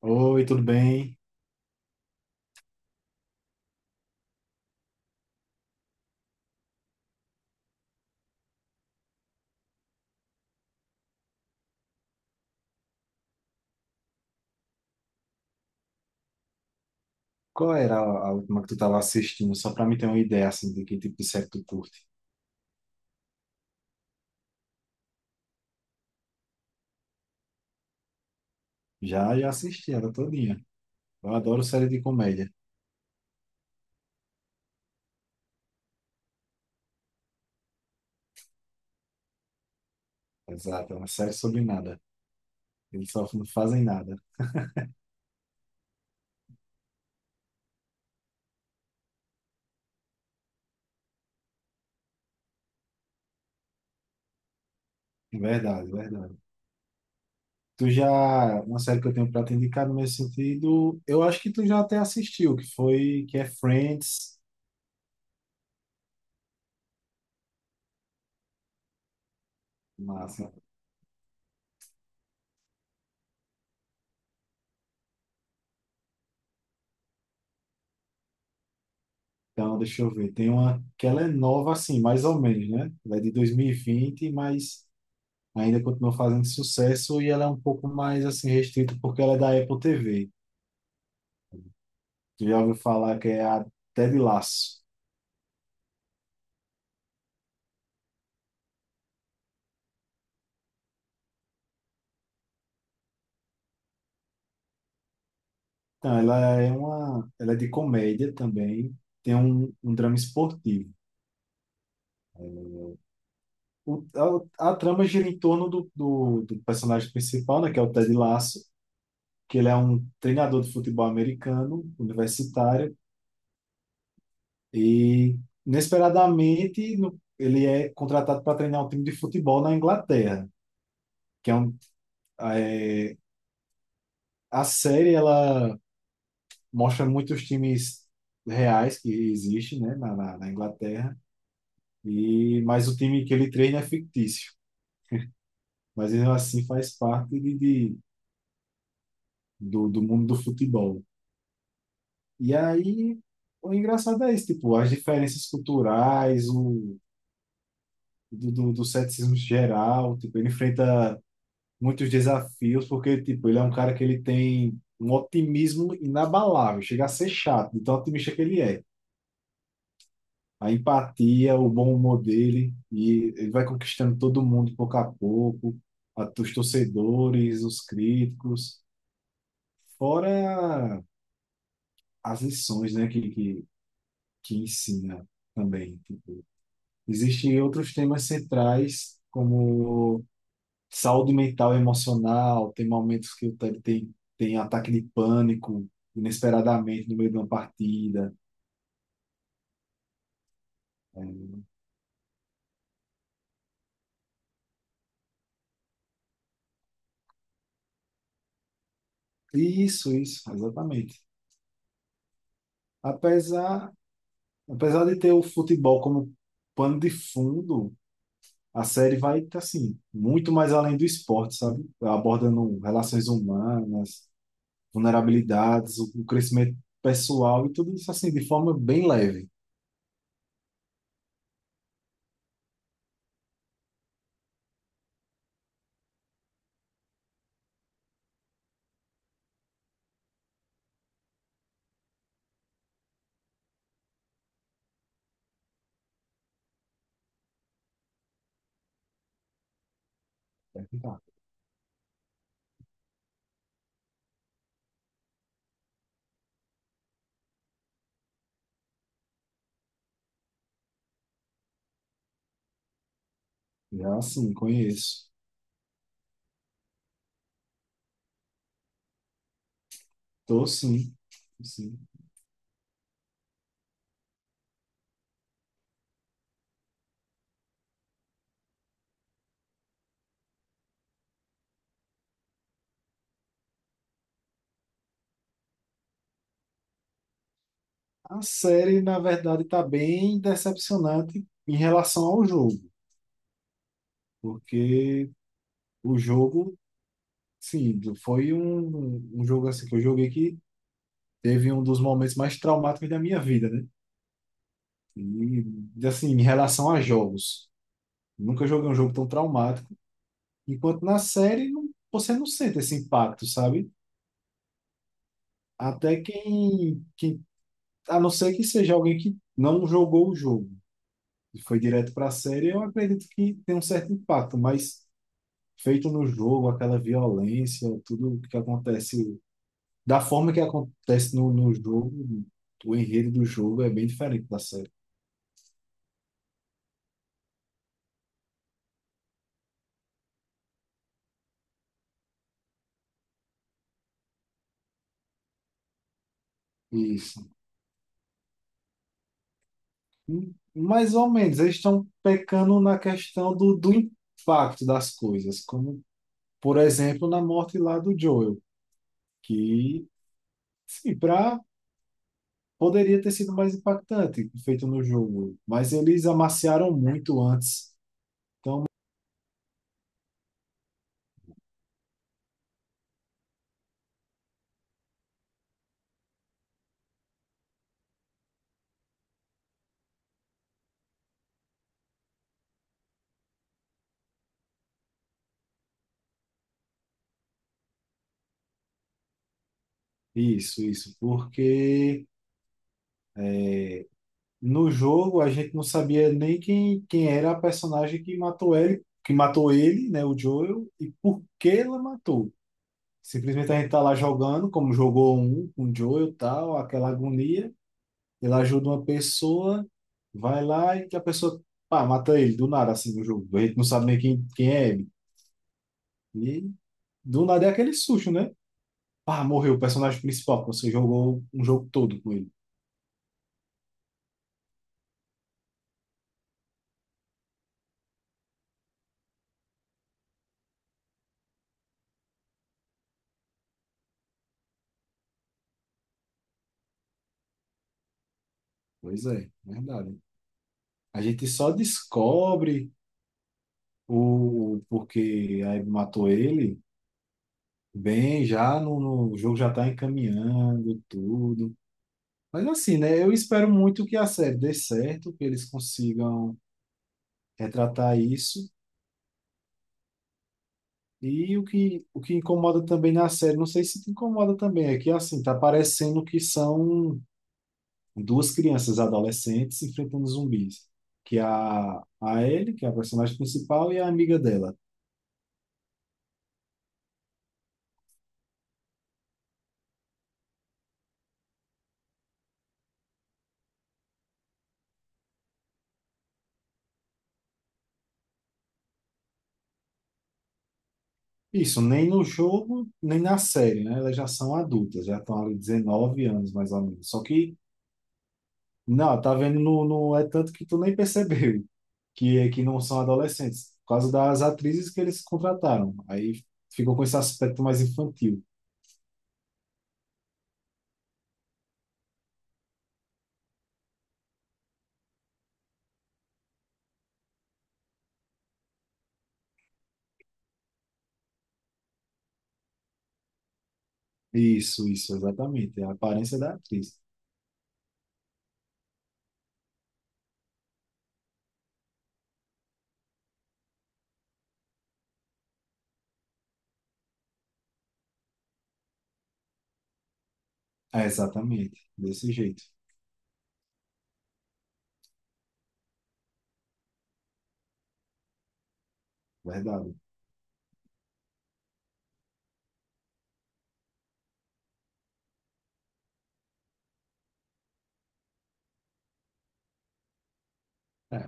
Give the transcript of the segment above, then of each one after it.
Oi, tudo bem? Qual era a última que tu estava assistindo? Só para mim ter uma ideia assim de que tipo de série tu curte. Já assisti ela todinha. Eu adoro série de comédia. Exato, é uma série sobre nada. Eles só não fazem nada. Verdade, verdade. Tu já, uma série que eu tenho para te indicar no meu sentido, eu acho que tu já até assistiu, que é Friends. Massa. Então, deixa eu ver. Tem uma que ela é nova assim, mais ou menos, né? Ela é de 2020, mas ainda continua fazendo sucesso e ela é um pouco mais assim restrita porque ela é da Apple TV. Tu já ouviu falar que é a Ted Lasso. Então, ela é de comédia também, tem um drama esportivo. O, a a trama gira em torno do personagem principal, né, que é o Ted Lasso, que ele é um treinador de futebol americano, universitário, e inesperadamente ele é contratado para treinar um time de futebol na Inglaterra, que é um, é, a série ela mostra muitos times reais que existem, né, na Inglaterra, e mas o time que ele treina é fictício, mas ele assim faz parte do mundo do futebol. E aí o engraçado é isso, tipo, as diferenças culturais, do ceticismo geral, tipo, ele enfrenta muitos desafios porque tipo, ele é um cara que ele tem um otimismo inabalável, chega a ser chato, de tão otimista que ele é. A empatia, o bom humor dele, e ele vai conquistando todo mundo pouco a pouco, os torcedores, os críticos, fora as lições, né, que ensina também. Existem outros temas centrais, como saúde mental e emocional, tem momentos que o Ted tem ataque de pânico, inesperadamente no meio de uma partida. É. Isso, exatamente. Apesar, Apesar de ter o futebol como pano de fundo, a série vai, assim, muito mais além do esporte, sabe? Abordando relações humanas, vulnerabilidades, o crescimento pessoal e tudo isso, assim, de forma bem leve. Vai ficar. Já, assim, conheço. Tô, sim. Sim. A série, na verdade, está bem decepcionante em relação ao jogo, porque o jogo, sim, foi um jogo assim que eu joguei que teve um dos momentos mais traumáticos da minha vida, né? E, assim, em relação a jogos, nunca joguei um jogo tão traumático, enquanto na série você não sente esse impacto, sabe? Até a não ser que seja alguém que não jogou o jogo e foi direto para a série, eu acredito que tem um certo impacto, mas feito no jogo, aquela violência, tudo que acontece, da forma que acontece no jogo, o enredo do jogo é bem diferente da série. Isso. Mais ou menos, eles estão pecando na questão do impacto das coisas, como, por exemplo, na morte lá do Joel, que, sim, pra, poderia ter sido mais impactante, feito no jogo, mas eles amaciaram muito antes. Isso, porque no jogo a gente não sabia nem quem era a personagem que matou ele, né, o Joel, e por que ela matou. Simplesmente a gente tá lá jogando, como jogou um com o Joel, tal, aquela agonia, ele ajuda uma pessoa, vai lá e que a pessoa, pá, mata ele do nada assim no jogo. A gente não sabe nem quem é ele. E do nada é aquele susto, né? Pá, morreu o personagem principal, que você jogou um jogo todo com ele. Pois é, é verdade. A gente só descobre o, porque aí matou ele, bem, já no, no- o jogo já está encaminhando tudo. Mas assim, né? Eu espero muito que a série dê certo, que eles consigam retratar isso. E o que incomoda também na série, não sei se te incomoda também, é que assim, tá parecendo que são duas crianças adolescentes enfrentando zumbis. Que é a Ellie, que é a personagem principal, e a amiga dela. Isso, nem no jogo, nem na série, né? Elas já são adultas, já estão ali 19 anos, mais ou menos. Só que, não, tá vendo, não, não é tanto que tu nem percebeu que, é que não são adolescentes, por causa das atrizes que eles contrataram. Aí ficou com esse aspecto mais infantil. Isso, exatamente. É a aparência da atriz. É, exatamente, desse jeito, verdade. É.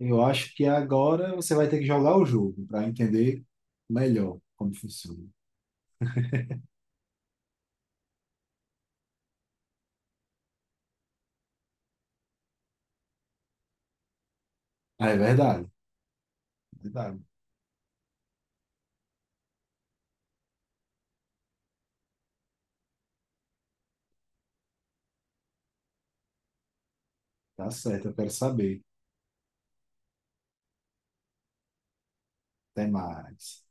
Eu acho que agora você vai ter que jogar o jogo para entender melhor como funciona. Ah, é verdade, é verdade. Tá certo, eu quero saber. Até mais.